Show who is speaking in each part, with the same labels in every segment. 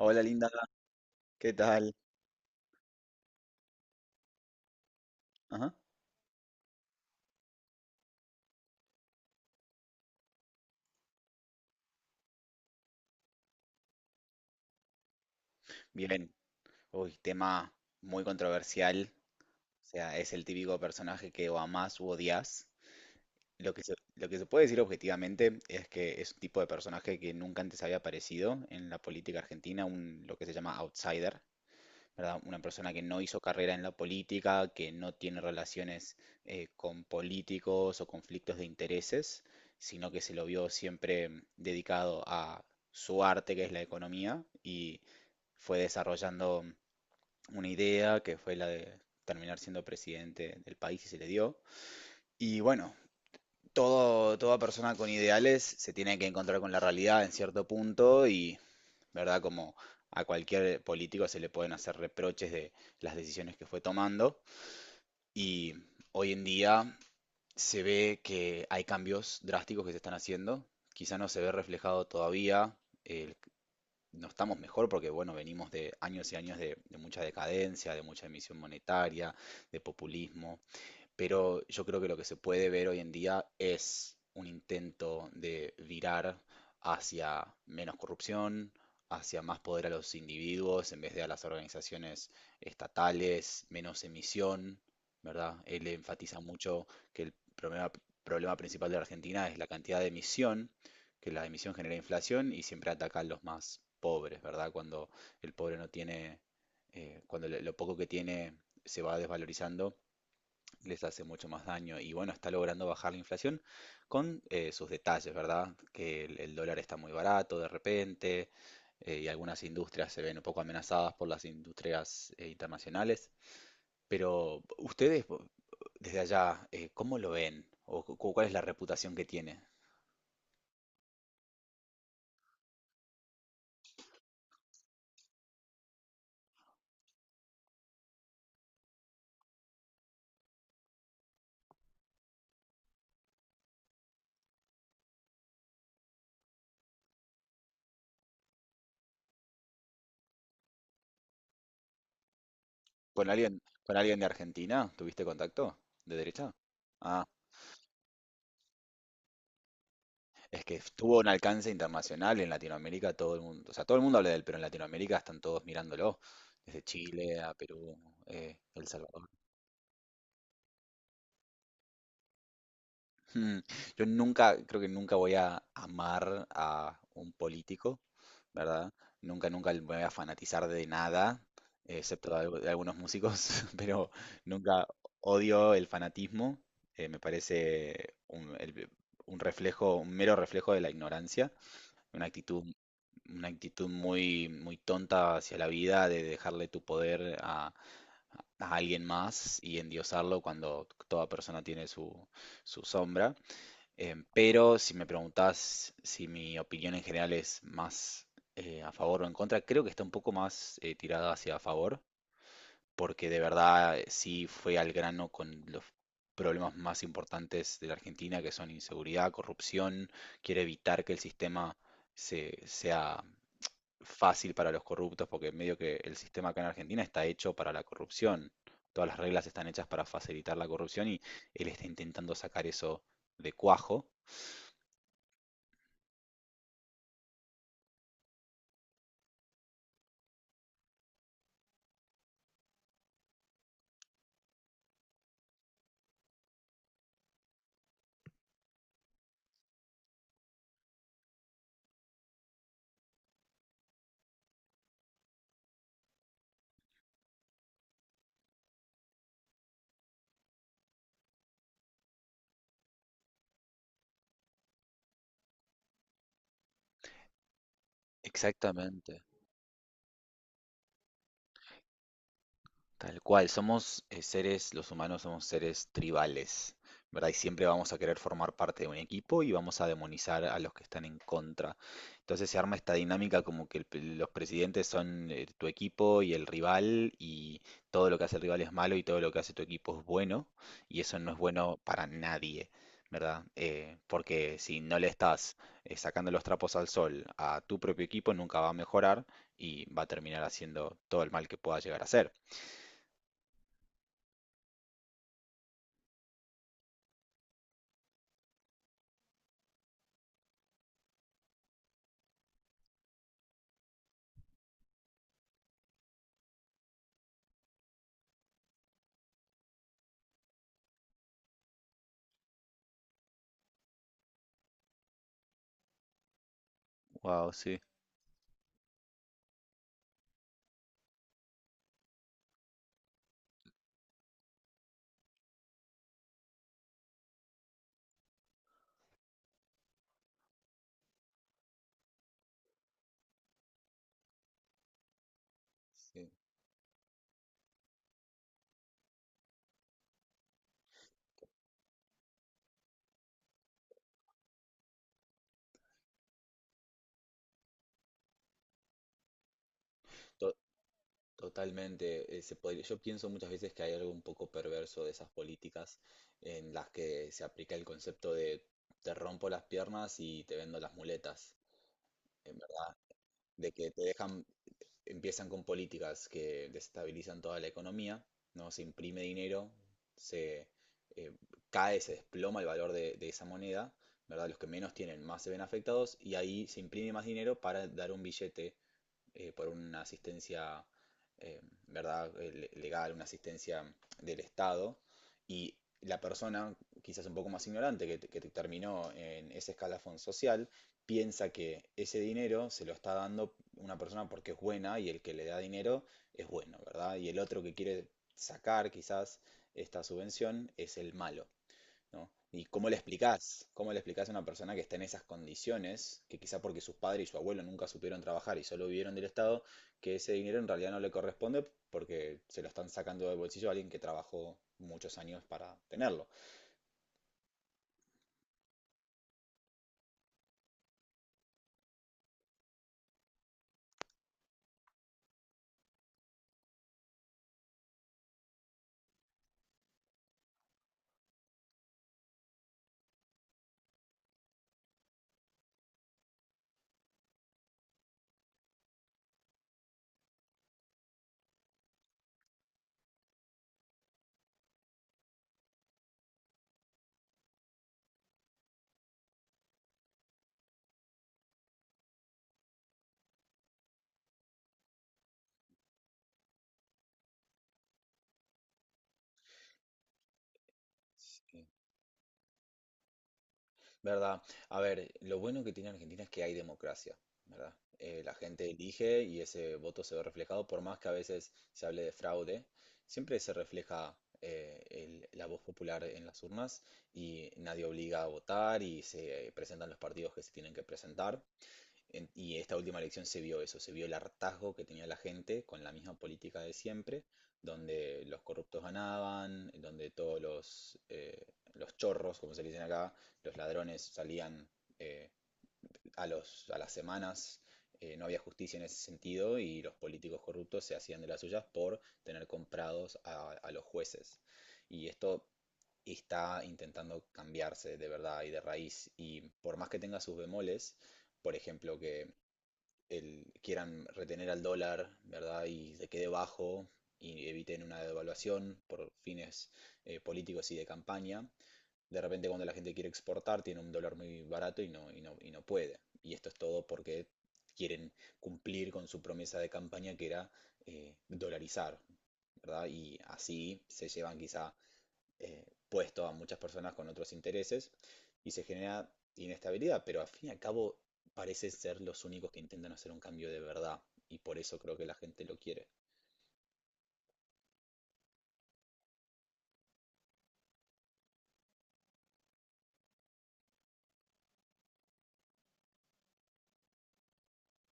Speaker 1: Hola, linda, ¿qué tal? Ajá. Bien. Uy, tema muy controversial. O sea, es el típico personaje que o amás u odias. Lo que se puede decir objetivamente es que es un tipo de personaje que nunca antes había aparecido en la política argentina, un, lo que se llama outsider. ¿Verdad? Una persona que no hizo carrera en la política, que no tiene relaciones con políticos o conflictos de intereses, sino que se lo vio siempre dedicado a su arte, que es la economía, y fue desarrollando una idea que fue la de terminar siendo presidente del país y se le dio. Y bueno, toda persona con ideales se tiene que encontrar con la realidad en cierto punto y ¿verdad? Como a cualquier político se le pueden hacer reproches de las decisiones que fue tomando y hoy en día se ve que hay cambios drásticos que se están haciendo, quizá no se ve reflejado todavía, eh, no estamos mejor porque bueno, venimos de años y años de mucha decadencia, de mucha emisión monetaria, de populismo, pero yo creo que lo que se puede ver hoy en día es un intento de virar hacia menos corrupción, hacia más poder a los individuos en vez de a las organizaciones estatales, menos emisión, ¿verdad? Él enfatiza mucho que problema principal de la Argentina es la cantidad de emisión, que la emisión genera inflación y siempre ataca a los más pobres, ¿verdad? Cuando el pobre no tiene, cuando lo poco que tiene se va desvalorizando, les hace mucho más daño. Y bueno, está logrando bajar la inflación con sus detalles, ¿verdad? Que el dólar está muy barato de repente, y algunas industrias se ven un poco amenazadas por las industrias internacionales. Pero ustedes, desde allá, ¿cómo lo ven? ¿O cuál es la reputación que tiene? Con alguien de Argentina? ¿Tuviste contacto? ¿De derecha? Es que tuvo un alcance internacional en Latinoamérica, todo el mundo, o sea, todo el mundo habla de él, pero en Latinoamérica están todos mirándolo, desde Chile a Perú, El Salvador. Mm, Yo nunca, creo que nunca voy a amar a un político, ¿verdad? Nunca, nunca me voy a fanatizar de nada, excepto de, de algunos músicos, pero nunca odio el fanatismo, me parece un, un reflejo, un mero reflejo de la ignorancia. Una actitud, una actitud muy, muy tonta hacia la vida de dejarle tu poder a alguien más y endiosarlo cuando toda persona tiene su, su sombra. Pero si me preguntás si mi opinión en general es más a favor o en contra, creo que está un poco más tirada hacia a favor porque de verdad sí fue al grano con los problemas más importantes de la Argentina, que son inseguridad, corrupción, quiere evitar que el sistema sea fácil para los corruptos, porque medio que el sistema acá en Argentina está hecho para la corrupción. Todas las reglas están hechas para facilitar la corrupción y él está intentando sacar eso de cuajo. Exactamente. Tal cual, somos seres, los humanos somos seres tribales, ¿verdad? Y siempre vamos a querer formar parte de un equipo y vamos a demonizar a los que están en contra. Entonces se arma esta dinámica como que los presidentes son tu equipo y el rival, y todo lo que hace el rival es malo y todo lo que hace tu equipo es bueno y eso no es bueno para nadie, ¿verdad? Porque si no le estás sacando los trapos al sol a tu propio equipo, nunca va a mejorar y va a terminar haciendo todo el mal que pueda llegar a hacer. Wow, sí. Sí, to- totalmente. Yo pienso muchas veces que hay algo un poco perverso de esas políticas en las que se aplica el concepto de te rompo las piernas y te vendo las muletas, en verdad, de que te dejan, empiezan con políticas que desestabilizan toda la economía, ¿no? Se imprime dinero, se eh, cae, se desploma el valor de esa moneda, ¿verdad? Los que menos tienen más se ven afectados y ahí se imprime más dinero para dar un billete por una asistencia, eh, ¿verdad? Legal, una asistencia del Estado, y la persona, quizás un poco más ignorante, que terminó en ese escalafón social, piensa que ese dinero se lo está dando una persona porque es buena y el que le da dinero es bueno, ¿verdad? Y el otro que quiere sacar quizás esta subvención es el malo. ¿No? ¿Y cómo le explicás? ¿Cómo le explicás a una persona que está en esas condiciones, que quizá porque sus padres y su abuelo nunca supieron trabajar y solo vivieron del Estado, que ese dinero en realidad no le corresponde porque se lo están sacando del bolsillo a alguien que trabajó muchos años para tenerlo? Sí. ¿Verdad? A ver, lo bueno que tiene Argentina es que hay democracia, ¿verdad? La gente elige y ese voto se ve reflejado, por más que a veces se hable de fraude, siempre se refleja la voz popular en las urnas y nadie obliga a votar y se presentan los partidos que se tienen que presentar. Y esta última elección se vio eso, se vio el hartazgo que tenía la gente con la misma política de siempre, donde los corruptos ganaban, donde todos los chorros, como se le dicen acá, los ladrones salían eh, a las semanas, no había justicia en ese sentido y los políticos corruptos se hacían de las suyas por tener comprados a los jueces. Y esto está intentando cambiarse de verdad y de raíz. Y por más que tenga sus bemoles, por ejemplo, que quieran retener al dólar, ¿verdad? Y se quede bajo y eviten una devaluación por fines políticos y de campaña. De repente cuando la gente quiere exportar tiene un dólar muy barato y no puede. Y esto es todo porque quieren cumplir con su promesa de campaña que era dolarizar, ¿verdad? Y así se llevan quizá puesto a muchas personas con otros intereses y se genera inestabilidad, pero al fin y al cabo parecen ser los únicos que intentan hacer un cambio de verdad y por eso creo que la gente lo quiere.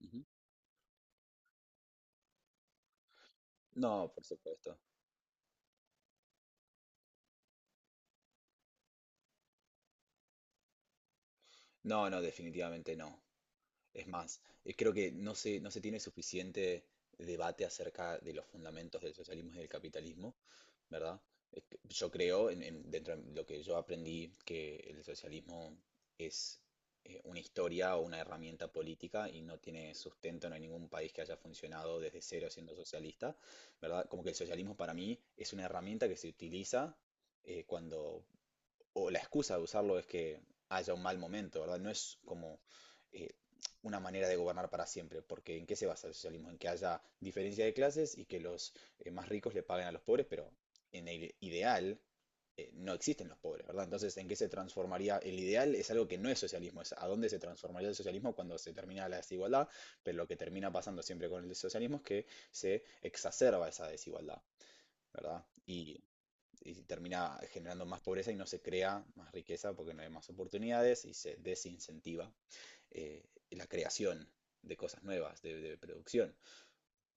Speaker 1: Ujú. No, por supuesto. No, no, definitivamente no. Es más, creo que no se tiene suficiente debate acerca de los fundamentos del socialismo y del capitalismo, ¿verdad? Es que yo creo, dentro de lo que yo aprendí, que el socialismo es una historia o una herramienta política y no tiene sustento, no hay ningún país que haya funcionado desde cero siendo socialista, ¿verdad? Como que el socialismo para mí es una herramienta que se utiliza cuando o la excusa de usarlo es que haya un mal momento, ¿verdad? No es como eh, una manera de gobernar para siempre, porque ¿en qué se basa el socialismo? En que haya diferencia de clases y que los más ricos le paguen a los pobres, pero en el ideal no existen los pobres, ¿verdad? Entonces, ¿en qué se transformaría? El ideal es algo que no es socialismo, es a dónde se transformaría el socialismo cuando se termina la desigualdad, pero lo que termina pasando siempre con el socialismo es que se exacerba esa desigualdad, ¿verdad? Y si termina generando más pobreza y no se crea más riqueza porque no hay más oportunidades y se desincentiva eh, la creación de cosas nuevas, de producción.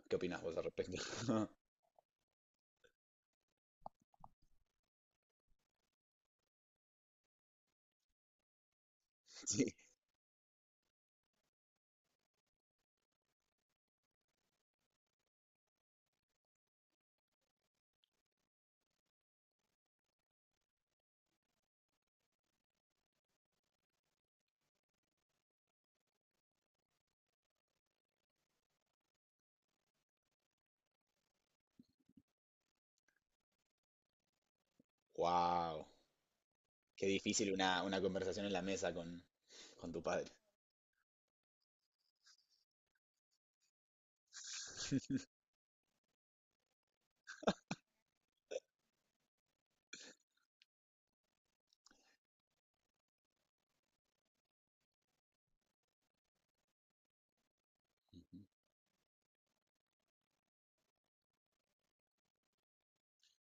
Speaker 1: ¿Qué opinas vos al respecto? Sí. ¡Wow! Qué difícil una conversación en la mesa con tu padre.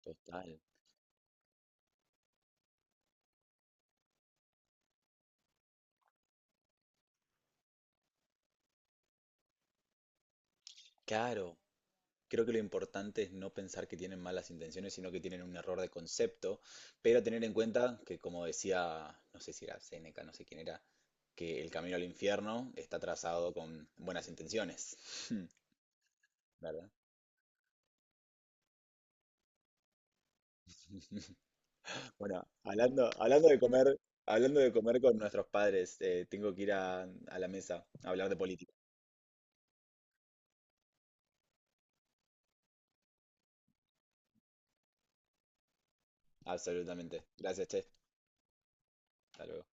Speaker 1: Total. Claro. Creo que lo importante es no pensar que tienen malas intenciones, sino que tienen un error de concepto, pero tener en cuenta que, como decía, no sé si era Séneca, no sé quién era, que el camino al infierno está trazado con buenas intenciones, ¿verdad? Bueno, hablando de comer con nuestros padres, tengo que ir a la mesa a hablar de política. Absolutamente. Gracias, Che. Hasta luego.